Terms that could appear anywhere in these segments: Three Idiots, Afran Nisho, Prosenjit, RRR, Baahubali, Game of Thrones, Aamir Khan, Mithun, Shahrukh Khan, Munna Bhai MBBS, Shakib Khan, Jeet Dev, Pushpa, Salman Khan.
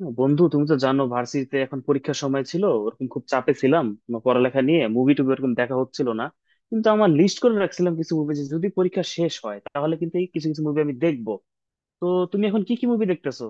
না, বন্ধু, তুমি তো জানো ভার্সিটিতে এখন পরীক্ষার সময় ছিল, ওরকম খুব চাপে ছিলাম আমার পড়ালেখা নিয়ে। মুভি টুভি ওরকম দেখা হচ্ছিল না। কিন্তু আমার লিস্ট করে রাখছিলাম কিছু মুভি, যে যদি পরীক্ষা শেষ হয় তাহলে কিন্তু এই কিছু কিছু মুভি আমি দেখবো। তো তুমি এখন কি কি মুভি দেখতেছো?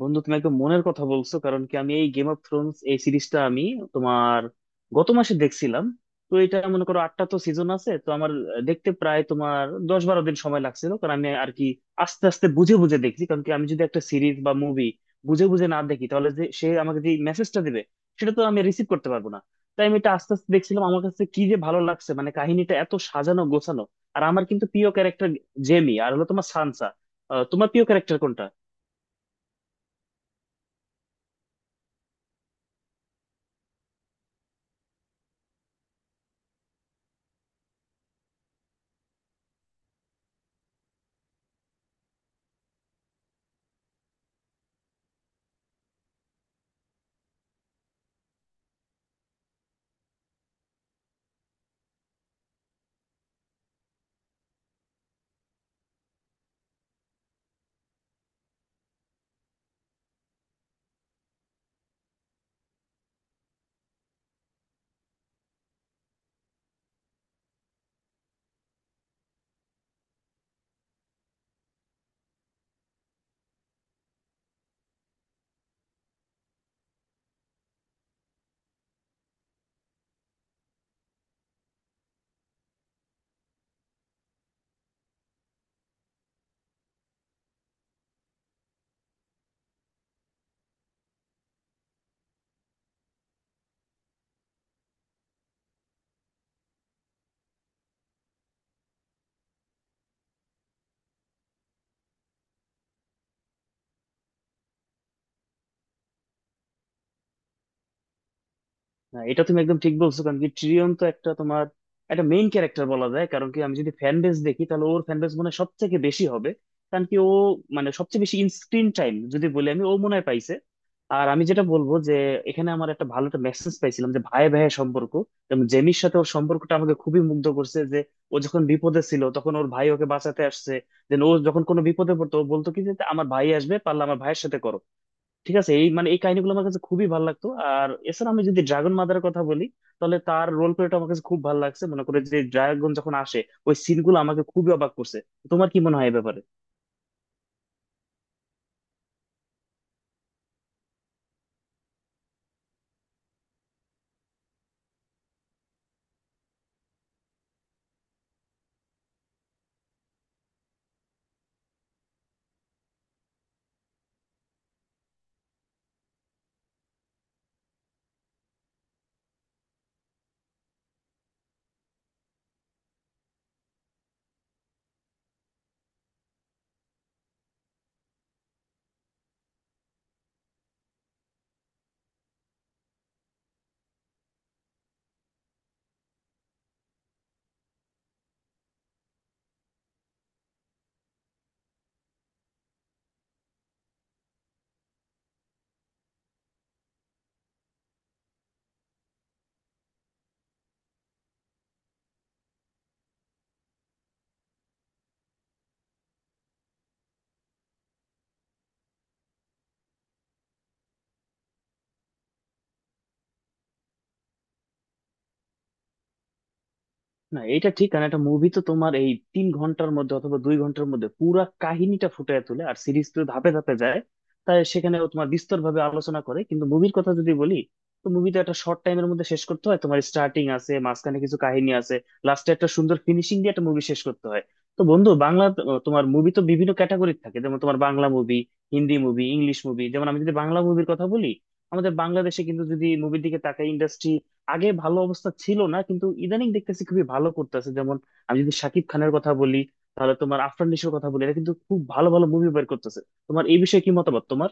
বন্ধু, তুমি একদম মনের কথা বলছো। কারণ কি আমি এই গেম অফ থ্রোনস এই সিরিজটা আমি তোমার গত মাসে দেখছিলাম। তো এটা মনে করো 8টা তো সিজন আছে, তো আমার দেখতে প্রায় তোমার 10-12 দিন সময় লাগছিল। কারণ আমি আর কি আস্তে আস্তে বুঝে বুঝে দেখছি। কারণ কি আমি যদি একটা সিরিজ বা মুভি বুঝে বুঝে না দেখি তাহলে যে সে আমাকে যে মেসেজটা দেবে সেটা তো আমি রিসিভ করতে পারবো না। তাই আমি এটা আস্তে আস্তে দেখছিলাম। আমার কাছে কি যে ভালো লাগছে, মানে কাহিনীটা এত সাজানো গোছানো। আর আমার কিন্তু প্রিয় ক্যারেক্টার জেমি আর হলো তোমার সানসা। তোমার প্রিয় ক্যারেক্টার কোনটা? না, এটা তুমি একদম ঠিক বলছো। কারণ কি ট্রিয়ন তো একটা তোমার একটা মেইন ক্যারেক্টার বলা যায়। কারণ কি আমি যদি ফ্যান বেস দেখি তাহলে ওর ফ্যান বেস মনে হয় সবথেকে বেশি হবে। কারণ কি ও মানে সবচেয়ে বেশি স্ক্রিন টাইম যদি বলি আমি, ও মনে হয় পাইছে। আর আমি যেটা বলবো যে এখানে আমার একটা ভালো একটা মেসেজ পাইছিলাম, যে ভাই ভাইয়ের সম্পর্ক। যেমন জেমির সাথে ওর সম্পর্কটা আমাকে খুবই মুগ্ধ করছে। যে ও যখন বিপদে ছিল তখন ওর ভাই ওকে বাঁচাতে আসছে। দেন ও যখন কোনো বিপদে পড়তো ও বলতো কি যে আমার ভাই আসবে, পারলে আমার ভাইয়ের সাথে করো ঠিক আছে। এই মানে এই কাহিনীগুলো আমার কাছে খুবই ভালো লাগতো। আর এছাড়া আমি যদি ড্রাগন মাদারের কথা বলি তাহলে তার রোল প্লেটা আমার কাছে খুব ভালো লাগছে। মনে করে যে ড্রাগন যখন আসে ওই সিনগুলো আমাকে খুবই অবাক করছে। তোমার কি মনে হয় এ ব্যাপারে? না, এটা ঠিক। কারণ একটা মুভি তো তোমার এই 3 ঘন্টার মধ্যে অথবা 2 ঘন্টার মধ্যে পুরা কাহিনীটা ফুটিয়ে তোলে, আর সিরিজ তো ধাপে ধাপে যায়। তাই সেখানে ও তোমার বিস্তর ভাবে আলোচনা করে। কিন্তু মুভির কথা যদি বলি, তো মুভি তো একটা শর্ট টাইমের মধ্যে শেষ করতে হয়। তোমার স্টার্টিং আছে, মাঝখানে কিছু কাহিনী আছে, লাস্টে একটা সুন্দর ফিনিশিং দিয়ে একটা মুভি শেষ করতে হয়। তো বন্ধু, বাংলা তোমার মুভি তো বিভিন্ন ক্যাটাগরি থাকে, যেমন তোমার Bangla movie, Hindi movie, English movie. যেমন আমি যদি বাংলা মুভির কথা বলি, আমাদের বাংলাদেশে কিন্তু যদি মুভির দিকে তাকাই, ইন্ডাস্ট্রি আগে ভালো অবস্থা ছিল না, কিন্তু ইদানিং দেখতেছি খুবই ভালো করতেছে। যেমন আমি যদি শাকিব খানের কথা বলি, তাহলে তোমার আফরান নিশোর কথা বলি, এরা কিন্তু খুব ভালো ভালো মুভি বের করতেছে। তোমার এই বিষয়ে কি মতামত তোমার?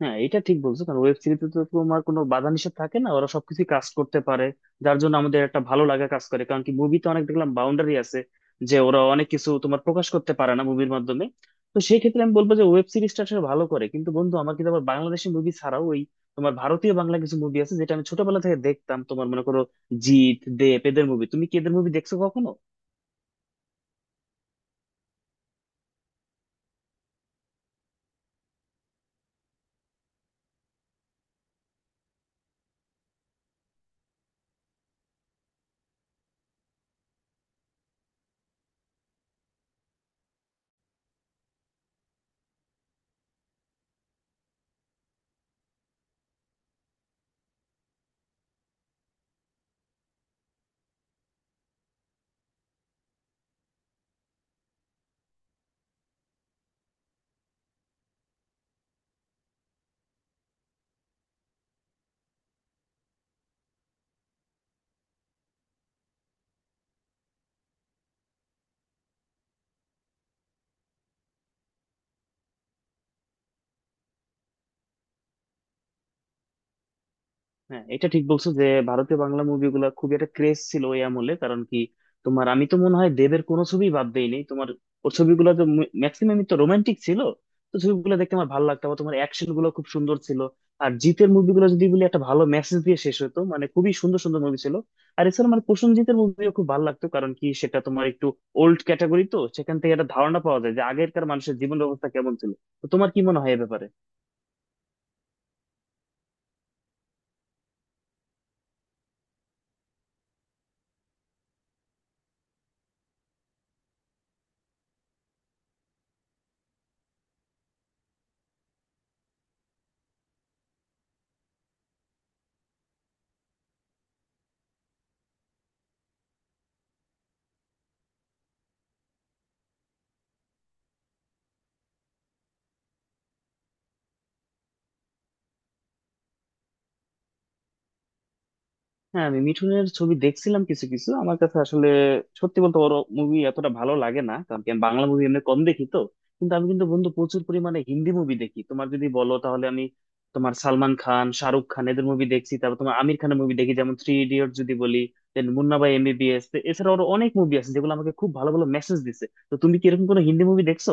হ্যাঁ, এটা ঠিক বলছো। কারণ ওয়েব সিরিজে তো তোমার কোনো বাধা নিষেধ থাকে না, ওরা সবকিছু কাজ করতে পারে। যার জন্য আমাদের একটা ভালো লাগা কাজ করে। কারণ কি মুভিতে অনেক দেখলাম বাউন্ডারি আছে, যে ওরা অনেক কিছু তোমার প্রকাশ করতে পারে না মুভির মাধ্যমে। তো সেই ক্ষেত্রে আমি বলবো যে ওয়েব সিরিজটা আসলে ভালো করে। কিন্তু বন্ধু, আমার কিন্তু আবার বাংলাদেশি মুভি ছাড়াও ওই তোমার ভারতীয় বাংলা কিছু মুভি আছে যেটা আমি ছোটবেলা থেকে দেখতাম। তোমার মনে করো জিত দেব এদের মুভি, তুমি কি এদের মুভি দেখছো কখনো? হ্যাঁ, এটা ঠিক বলছো যে ভারতীয় বাংলা মুভিগুলো খুবই একটা ক্রেজ ছিল ওই আমলে। কারণ কি তোমার আমি তো মনে হয় দেবের কোনো ছবি বাদ দেইনি। তোমার ওর ছবিগুলো তো ম্যাক্সিমামই তো রোমান্টিক ছিল, তো ছবিগুলো দেখতে আমার ভালো লাগতো। আবার তোমার অ্যাকশন গুলো খুব সুন্দর ছিল। আর জিতের মুভিগুলো যদি বলি, একটা ভালো মেসেজ দিয়ে শেষ হতো, মানে খুবই সুন্দর সুন্দর মুভি ছিল। আর এছাড়া মানে প্রসেনজিতের মুভিও খুব ভালো লাগতো। কারণ কি সেটা তোমার একটু ওল্ড ক্যাটাগরি, তো সেখান থেকে একটা ধারণা পাওয়া যায় যে আগেরকার মানুষের জীবন ব্যবস্থা কেমন ছিল। তো তোমার কি মনে হয় এ ব্যাপারে? হ্যাঁ, আমি মিঠুনের ছবি দেখছিলাম কিছু কিছু। আমার কাছে আসলে সত্যি বলতে ওর মুভি এতটা ভালো লাগে না। কারণ কি আমি বাংলা মুভি এমনি কম দেখি। তো কিন্তু আমি কিন্তু বন্ধু প্রচুর পরিমাণে হিন্দি মুভি দেখি। তোমার যদি বলো তাহলে আমি তোমার সালমান খান, শাহরুখ খান এদের মুভি দেখছি। তারপর তোমার আমির খানের মুভি দেখি, যেমন থ্রি ইডিয়ট যদি বলি, দেন মুন্না ভাই এমবিবিএস। এছাড়া আরো অনেক মুভি আছে যেগুলো আমাকে খুব ভালো ভালো মেসেজ দিছে। তো তুমি কি এরকম কোনো হিন্দি মুভি দেখছো?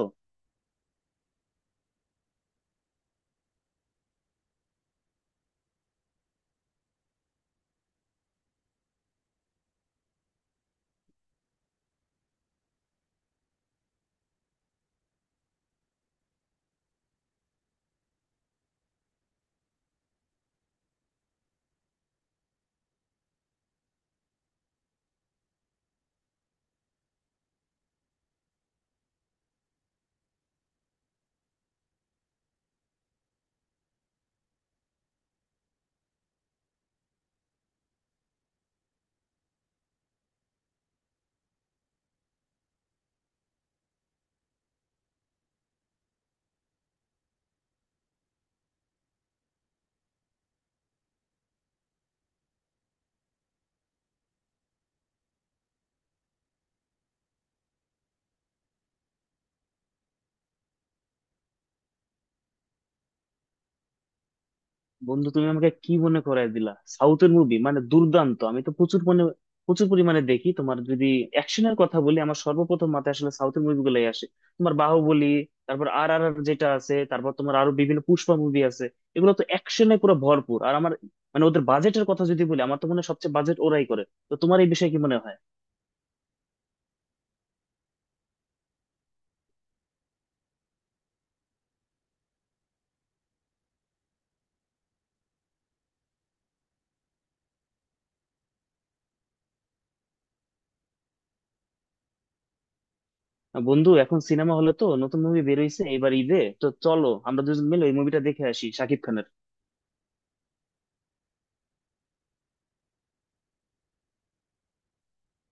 বন্ধু, তুমি আমাকে কি মনে করায় দিলা। সাউথের মুভি মানে দুর্দান্ত, আমি তো প্রচুর মানে প্রচুর পরিমাণে দেখি। তোমার যদি অ্যাকশনের কথা বলি, আমার সর্বপ্রথম মাথায় আসলে সাউথের মুভিগুলোই আসে। তোমার বাহুবলী, তারপর আর আর আর যেটা আছে, তারপর তোমার আরো বিভিন্ন পুষ্পা মুভি আছে। এগুলো তো অ্যাকশনে পুরো ভরপুর। আর আমার মানে ওদের বাজেটের কথা যদি বলি, আমার তো মনে হয় সবচেয়ে বাজেট ওরাই করে। তো তোমার এই বিষয়ে কি মনে হয়? বন্ধু, এখন সিনেমা হলে তো নতুন মুভি বেরোইছে, এবার ঈদে তো চলো আমরা দুজন মিলে ওই মুভিটা দেখে আসি শাকিব খানের।